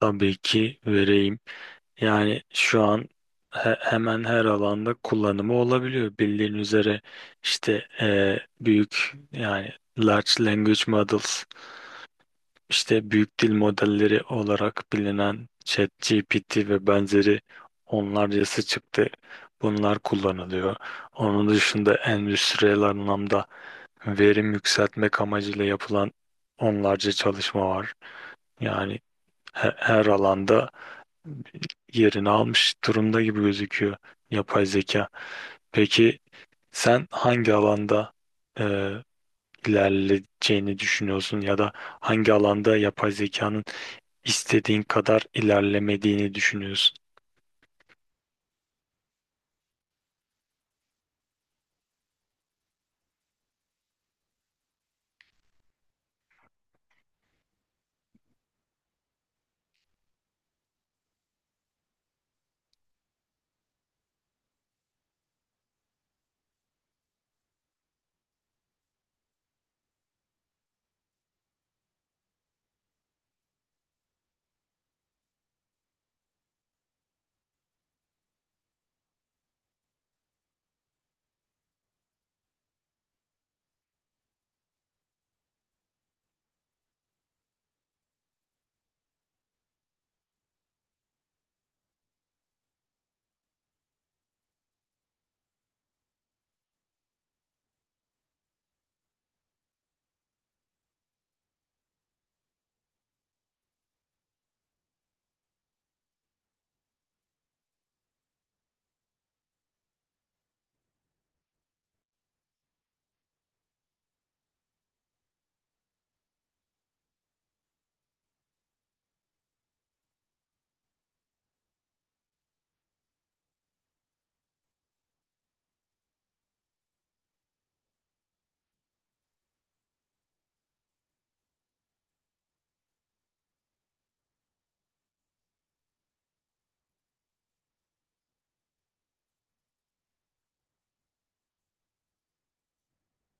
Tabii ki vereyim. Yani şu an hemen her alanda kullanımı olabiliyor. Bildiğin üzere işte büyük yani large language models, işte büyük dil modelleri olarak bilinen ChatGPT ve benzeri onlarcası çıktı. Bunlar kullanılıyor. Onun dışında endüstriyel anlamda verim yükseltmek amacıyla yapılan onlarca çalışma var. Yani her alanda yerini almış durumda gibi gözüküyor yapay zeka. Peki sen hangi alanda e, ilerleyeceğini düşünüyorsun ya da hangi alanda yapay zekanın istediğin kadar ilerlemediğini düşünüyorsun?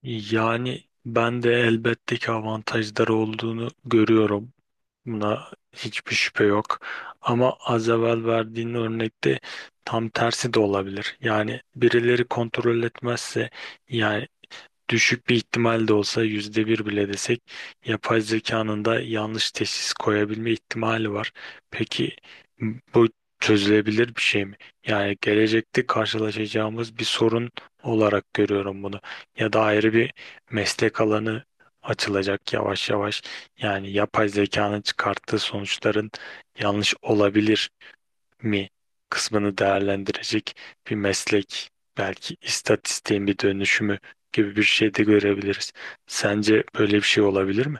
Yani ben de elbette ki avantajları olduğunu görüyorum. Buna hiçbir şüphe yok. Ama az evvel verdiğin örnekte tam tersi de olabilir. Yani birileri kontrol etmezse, yani düşük bir ihtimal de olsa, yüzde bir bile desek, yapay zekanın da yanlış teşhis koyabilme ihtimali var. Peki bu çözülebilir bir şey mi? Yani gelecekte karşılaşacağımız bir sorun olarak görüyorum bunu. Ya da ayrı bir meslek alanı açılacak yavaş yavaş. Yani yapay zekanın çıkarttığı sonuçların yanlış olabilir mi kısmını değerlendirecek bir meslek, belki istatistiğin bir dönüşümü gibi bir şey de görebiliriz. Sence böyle bir şey olabilir mi?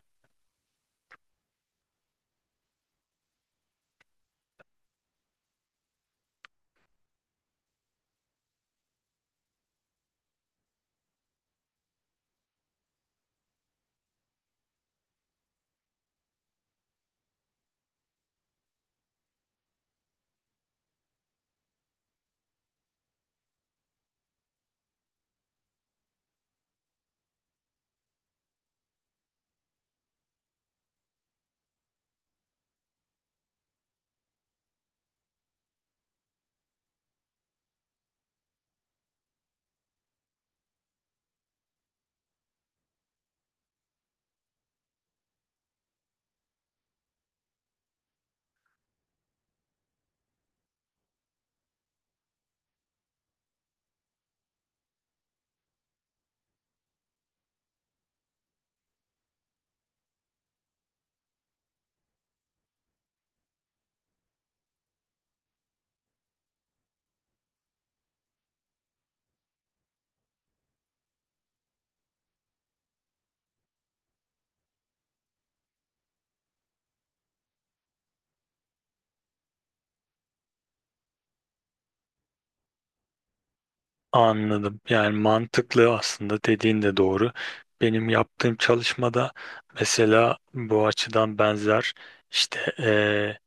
Anladım. Yani mantıklı, aslında dediğin de doğru. Benim yaptığım çalışmada mesela bu açıdan benzer işte,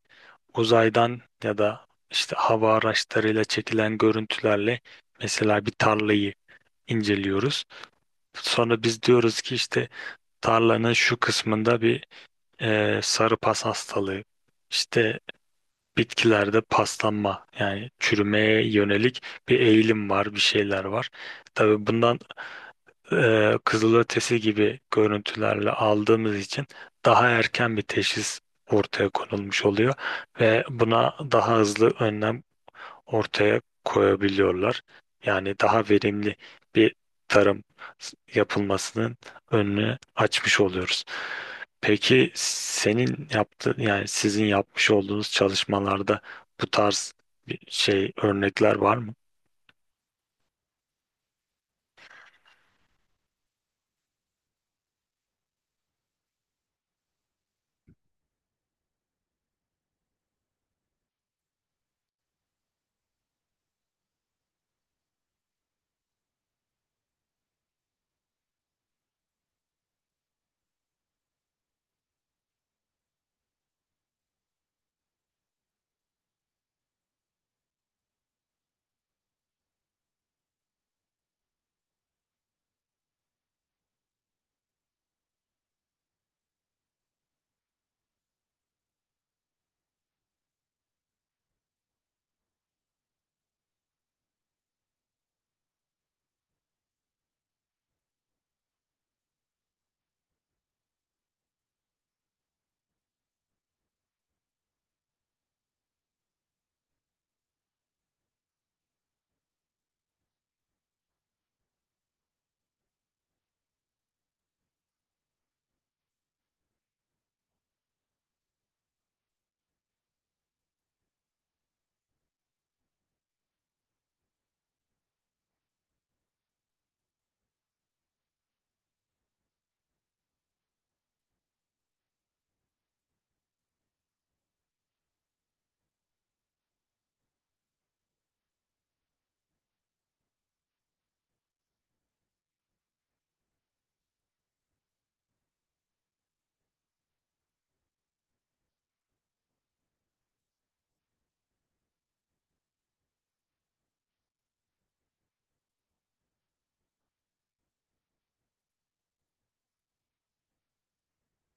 uzaydan ya da işte hava araçlarıyla çekilen görüntülerle mesela bir tarlayı inceliyoruz. Sonra biz diyoruz ki işte tarlanın şu kısmında bir sarı pas hastalığı, işte bitkilerde paslanma yani çürümeye yönelik bir eğilim var, bir şeyler var. Tabii bundan kızılötesi gibi görüntülerle aldığımız için daha erken bir teşhis ortaya konulmuş oluyor ve buna daha hızlı önlem ortaya koyabiliyorlar. Yani daha verimli bir tarım yapılmasının önünü açmış oluyoruz. Peki senin yaptığın, yani sizin yapmış olduğunuz çalışmalarda bu tarz bir şey, örnekler var mı?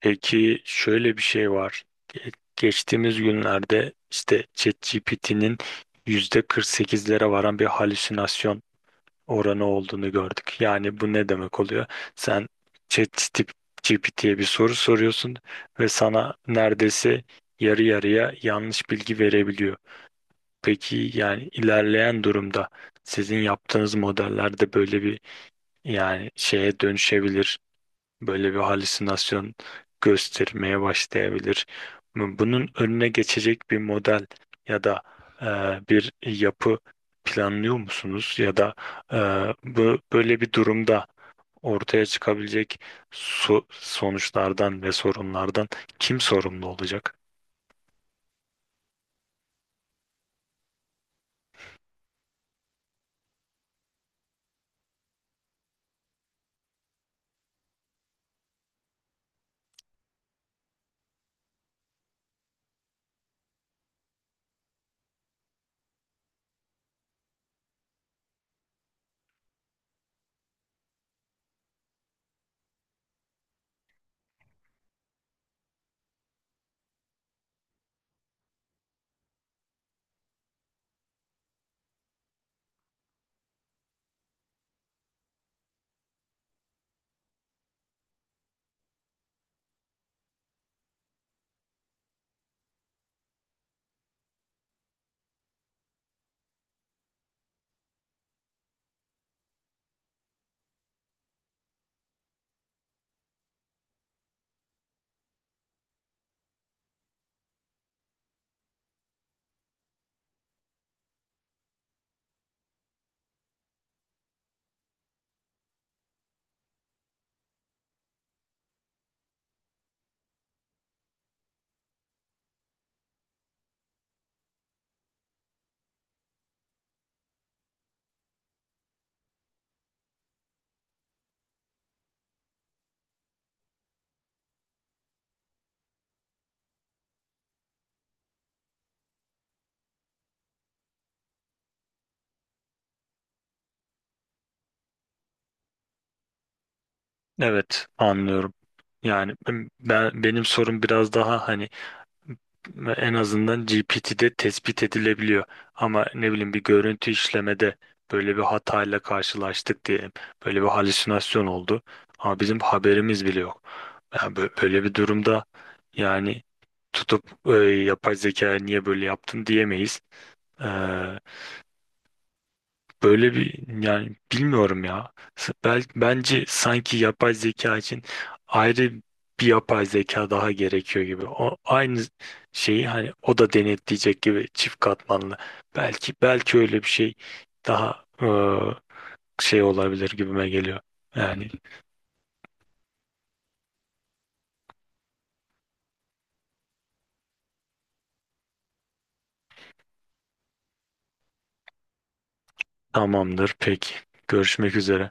Peki şöyle bir şey var. Geçtiğimiz günlerde işte ChatGPT'nin yüzde %48'lere varan bir halüsinasyon oranı olduğunu gördük. Yani bu ne demek oluyor? Sen ChatGPT'ye bir soru soruyorsun ve sana neredeyse yarı yarıya yanlış bilgi verebiliyor. Peki yani ilerleyen durumda sizin yaptığınız modellerde böyle bir, yani şeye dönüşebilir, böyle bir halüsinasyon göstermeye başlayabilir. Bunun önüne geçecek bir model ya da e, bir yapı planlıyor musunuz? Ya da e, bu, böyle bir durumda ortaya çıkabilecek sonuçlardan ve sorunlardan kim sorumlu olacak? Evet, anlıyorum. Yani ben, benim sorum biraz daha hani. Ve en azından GPT'de tespit edilebiliyor. Ama ne bileyim, bir görüntü işlemede böyle bir hatayla karşılaştık diyelim. Böyle bir halüsinasyon oldu. Ama bizim haberimiz bile yok. Yani böyle bir durumda, yani tutup yapay zeka niye böyle yaptın diyemeyiz. Böyle bir, yani bilmiyorum ya. Bence sanki yapay zeka için ayrı bir yapay zeka daha gerekiyor gibi. O aynı şeyi, hani o da denetleyecek gibi, çift katmanlı. Belki öyle bir şey daha şey olabilir gibime geliyor. Yani tamamdır peki. Görüşmek üzere.